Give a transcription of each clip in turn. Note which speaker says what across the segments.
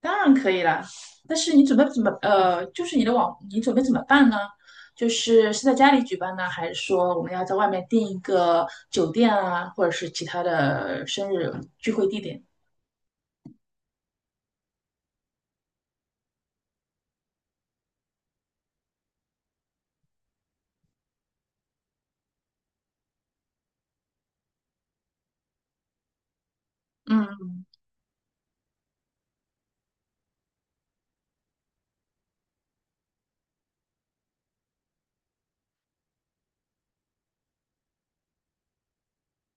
Speaker 1: 当然可以啦，但是你准备怎么就是你的你准备怎么办呢？就是是在家里举办呢，还是说我们要在外面订一个酒店啊，或者是其他的生日聚会地点？嗯，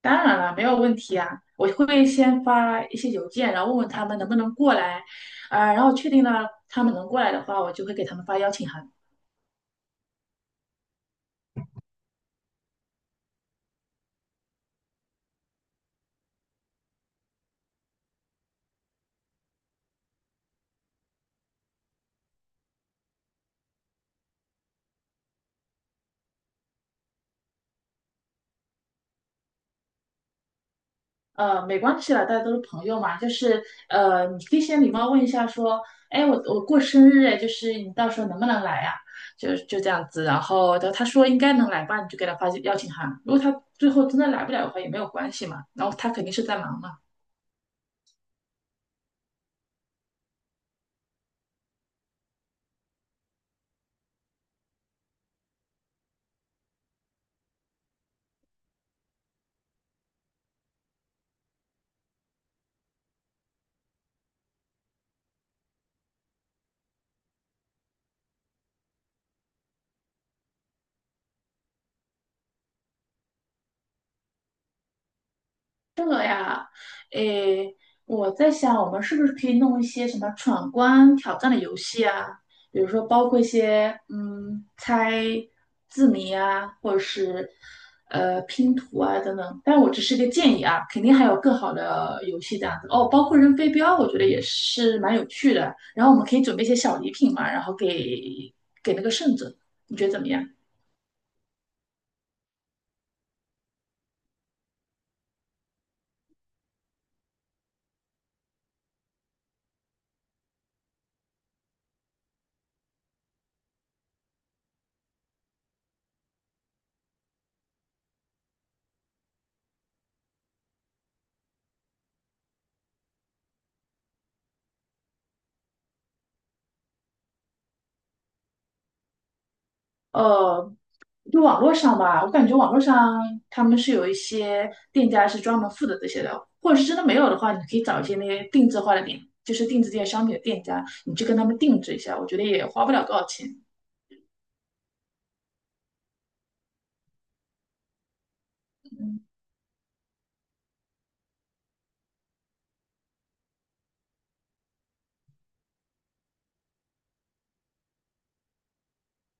Speaker 1: 当然了，没有问题啊。我会先发一些邮件，然后问问他们能不能过来，然后确定了他们能过来的话，我就会给他们发邀请函。没关系啦，大家都是朋友嘛，你可以先礼貌问一下，说，哎，我过生日，哎，就是你到时候能不能来呀、就这样子，然后他说应该能来吧，你就给他发邀请函。如果他最后真的来不了的话，也没有关系嘛，然后他肯定是在忙嘛。这个呀，诶，我在想，我们是不是可以弄一些什么闯关挑战的游戏啊？比如说，包括一些猜字谜啊，或者是拼图啊等等。但我只是一个建议啊，肯定还有更好的游戏这样子哦。包括扔飞镖，我觉得也是蛮有趣的。然后我们可以准备一些小礼品嘛，然后给那个胜者，你觉得怎么样？呃，就网络上吧，我感觉网络上他们是有一些店家是专门负责这些的，或者是真的没有的话，你可以找一些那些定制化的店，就是定制这些商品的店家，你去跟他们定制一下，我觉得也花不了多少钱。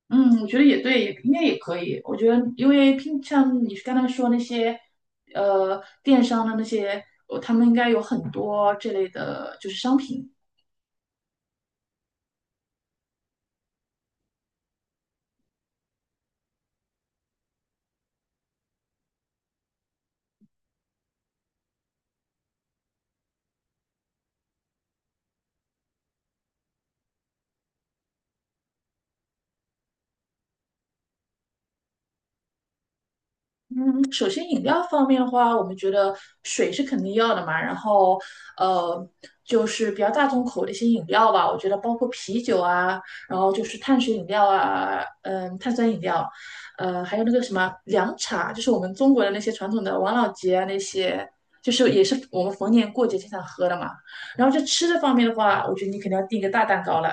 Speaker 1: 嗯，我觉得也对，也应该也可以。我觉得，因为平像你刚才说那些，电商的那些，他们应该有很多这类的，就是商品。首先饮料方面的话，我们觉得水是肯定要的嘛，然后呃，就是比较大众口的一些饮料吧，我觉得包括啤酒啊，然后就是碳水饮料啊，碳酸饮料，还有那个什么凉茶，就是我们中国的那些传统的王老吉啊那些。就是也是我们逢年过节经常喝的嘛，然后就吃的方面的话，我觉得你肯定要订一个大蛋糕了，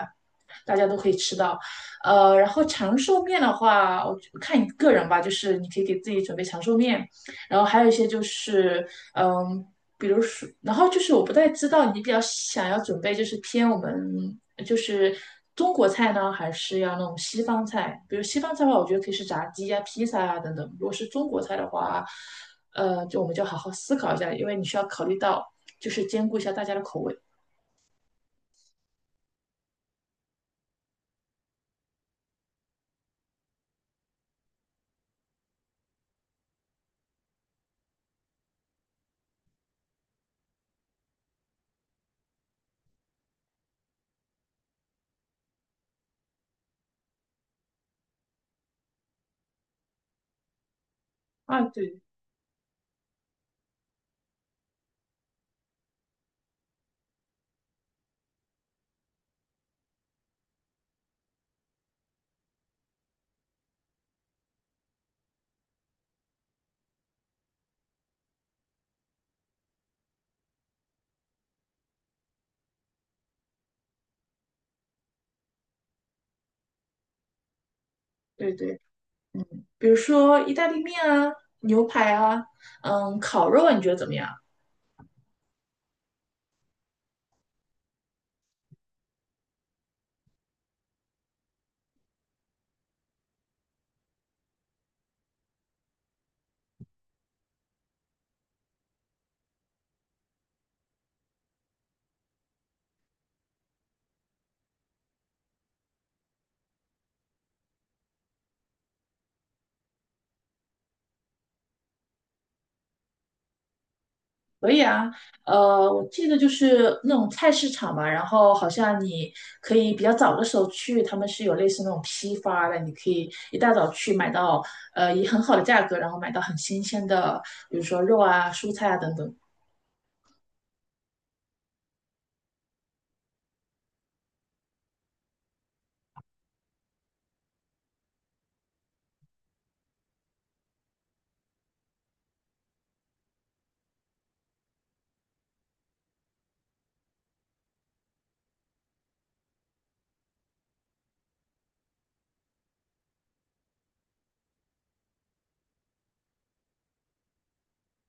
Speaker 1: 大家都可以吃到。然后长寿面的话，我觉看你个人吧，就是你可以给自己准备长寿面，然后还有一些嗯，比如说，然后就是我不太知道你比较想要准备就是偏我们就是中国菜呢，还是要那种西方菜？比如西方菜的话，我觉得可以是炸鸡呀、披萨呀等等。如果是中国菜的话，就我们就好好思考一下，因为你需要考虑到就是兼顾一下大家的口味。啊，对对对。比如说意大利面啊、牛排啊，烤肉啊，你觉得怎么样？可以啊，我记得就是那种菜市场嘛，然后好像你可以比较早的时候去，他们是有类似那种批发的，你可以一大早去买到，以很好的价格，然后买到很新鲜的，比如说肉啊、蔬菜啊等等。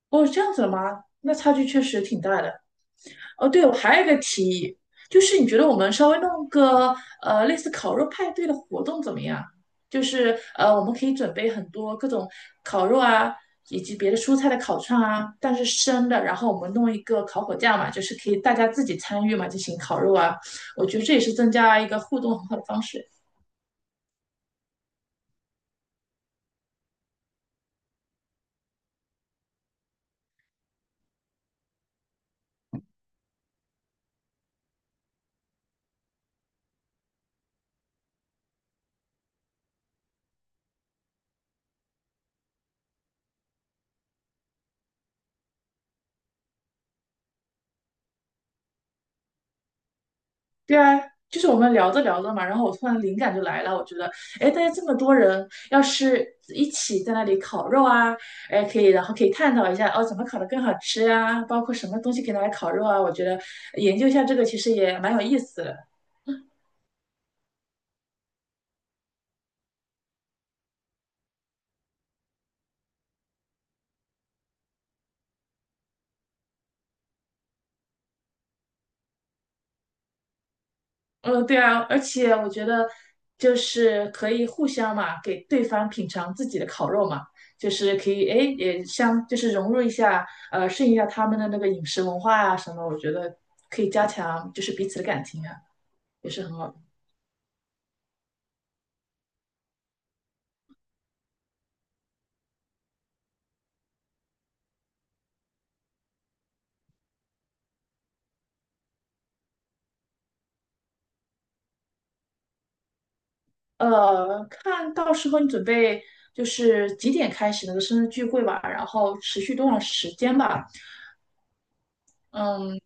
Speaker 1: 哦，这样子的吗？那差距确实挺大的。哦，对，我还有一个提议，就是你觉得我们稍微弄个类似烤肉派对的活动怎么样？我们可以准备很多各种烤肉啊，以及别的蔬菜的烤串啊，但是生的，然后我们弄一个烤火架嘛，就是可以大家自己参与嘛，进行烤肉啊。我觉得这也是增加一个互动很好的方式。对啊，就是我们聊着聊着嘛，然后我突然灵感就来了，我觉得，哎，大家这么多人，要是一起在那里烤肉啊，哎，可以，然后可以探讨一下，哦，怎么烤的更好吃啊，包括什么东西可以拿来烤肉啊，我觉得研究一下这个其实也蛮有意思的。嗯，对啊，而且我觉得就是可以互相嘛，给对方品尝自己的烤肉嘛，就是可以，哎，就是融入一下，适应一下他们的那个饮食文化啊什么，我觉得可以加强就是彼此的感情啊。也是很好的。看到时候你准备就是几点开始那个生日聚会吧，然后持续多长时间吧？嗯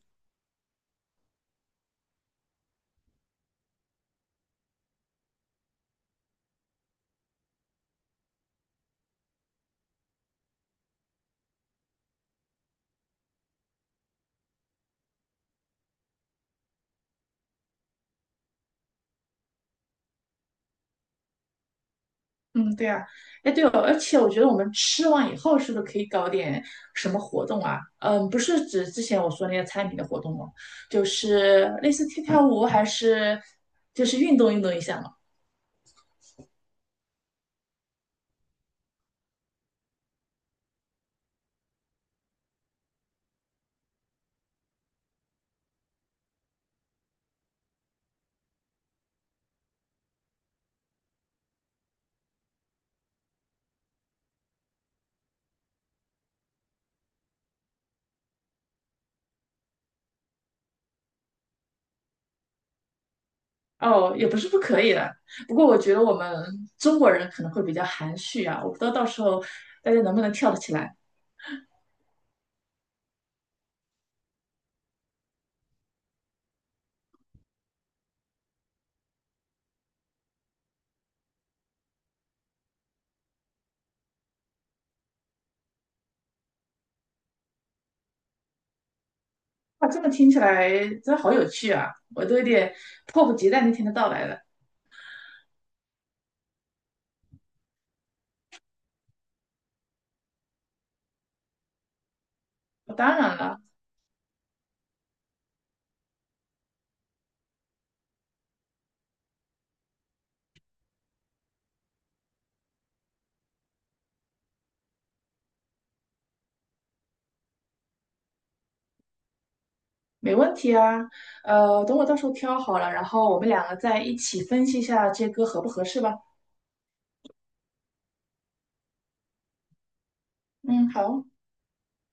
Speaker 1: 嗯，对啊，哎对哦，而且我觉得我们吃完以后是不是可以搞点什么活动啊？嗯，不是指之前我说那些餐饮的活动哦，就是类似跳跳舞，还是就是运动运动一下嘛。哦，也不是不可以的，不过我觉得我们中国人可能会比较含蓄啊，我不知道到时候大家能不能跳得起来。哇，这么听起来真好有趣啊！我都有点迫不及待那天的到来了。哦当然了，没问题啊。等我到时候挑好了，然后我们两个再一起分析一下这歌合不合适吧。嗯，好。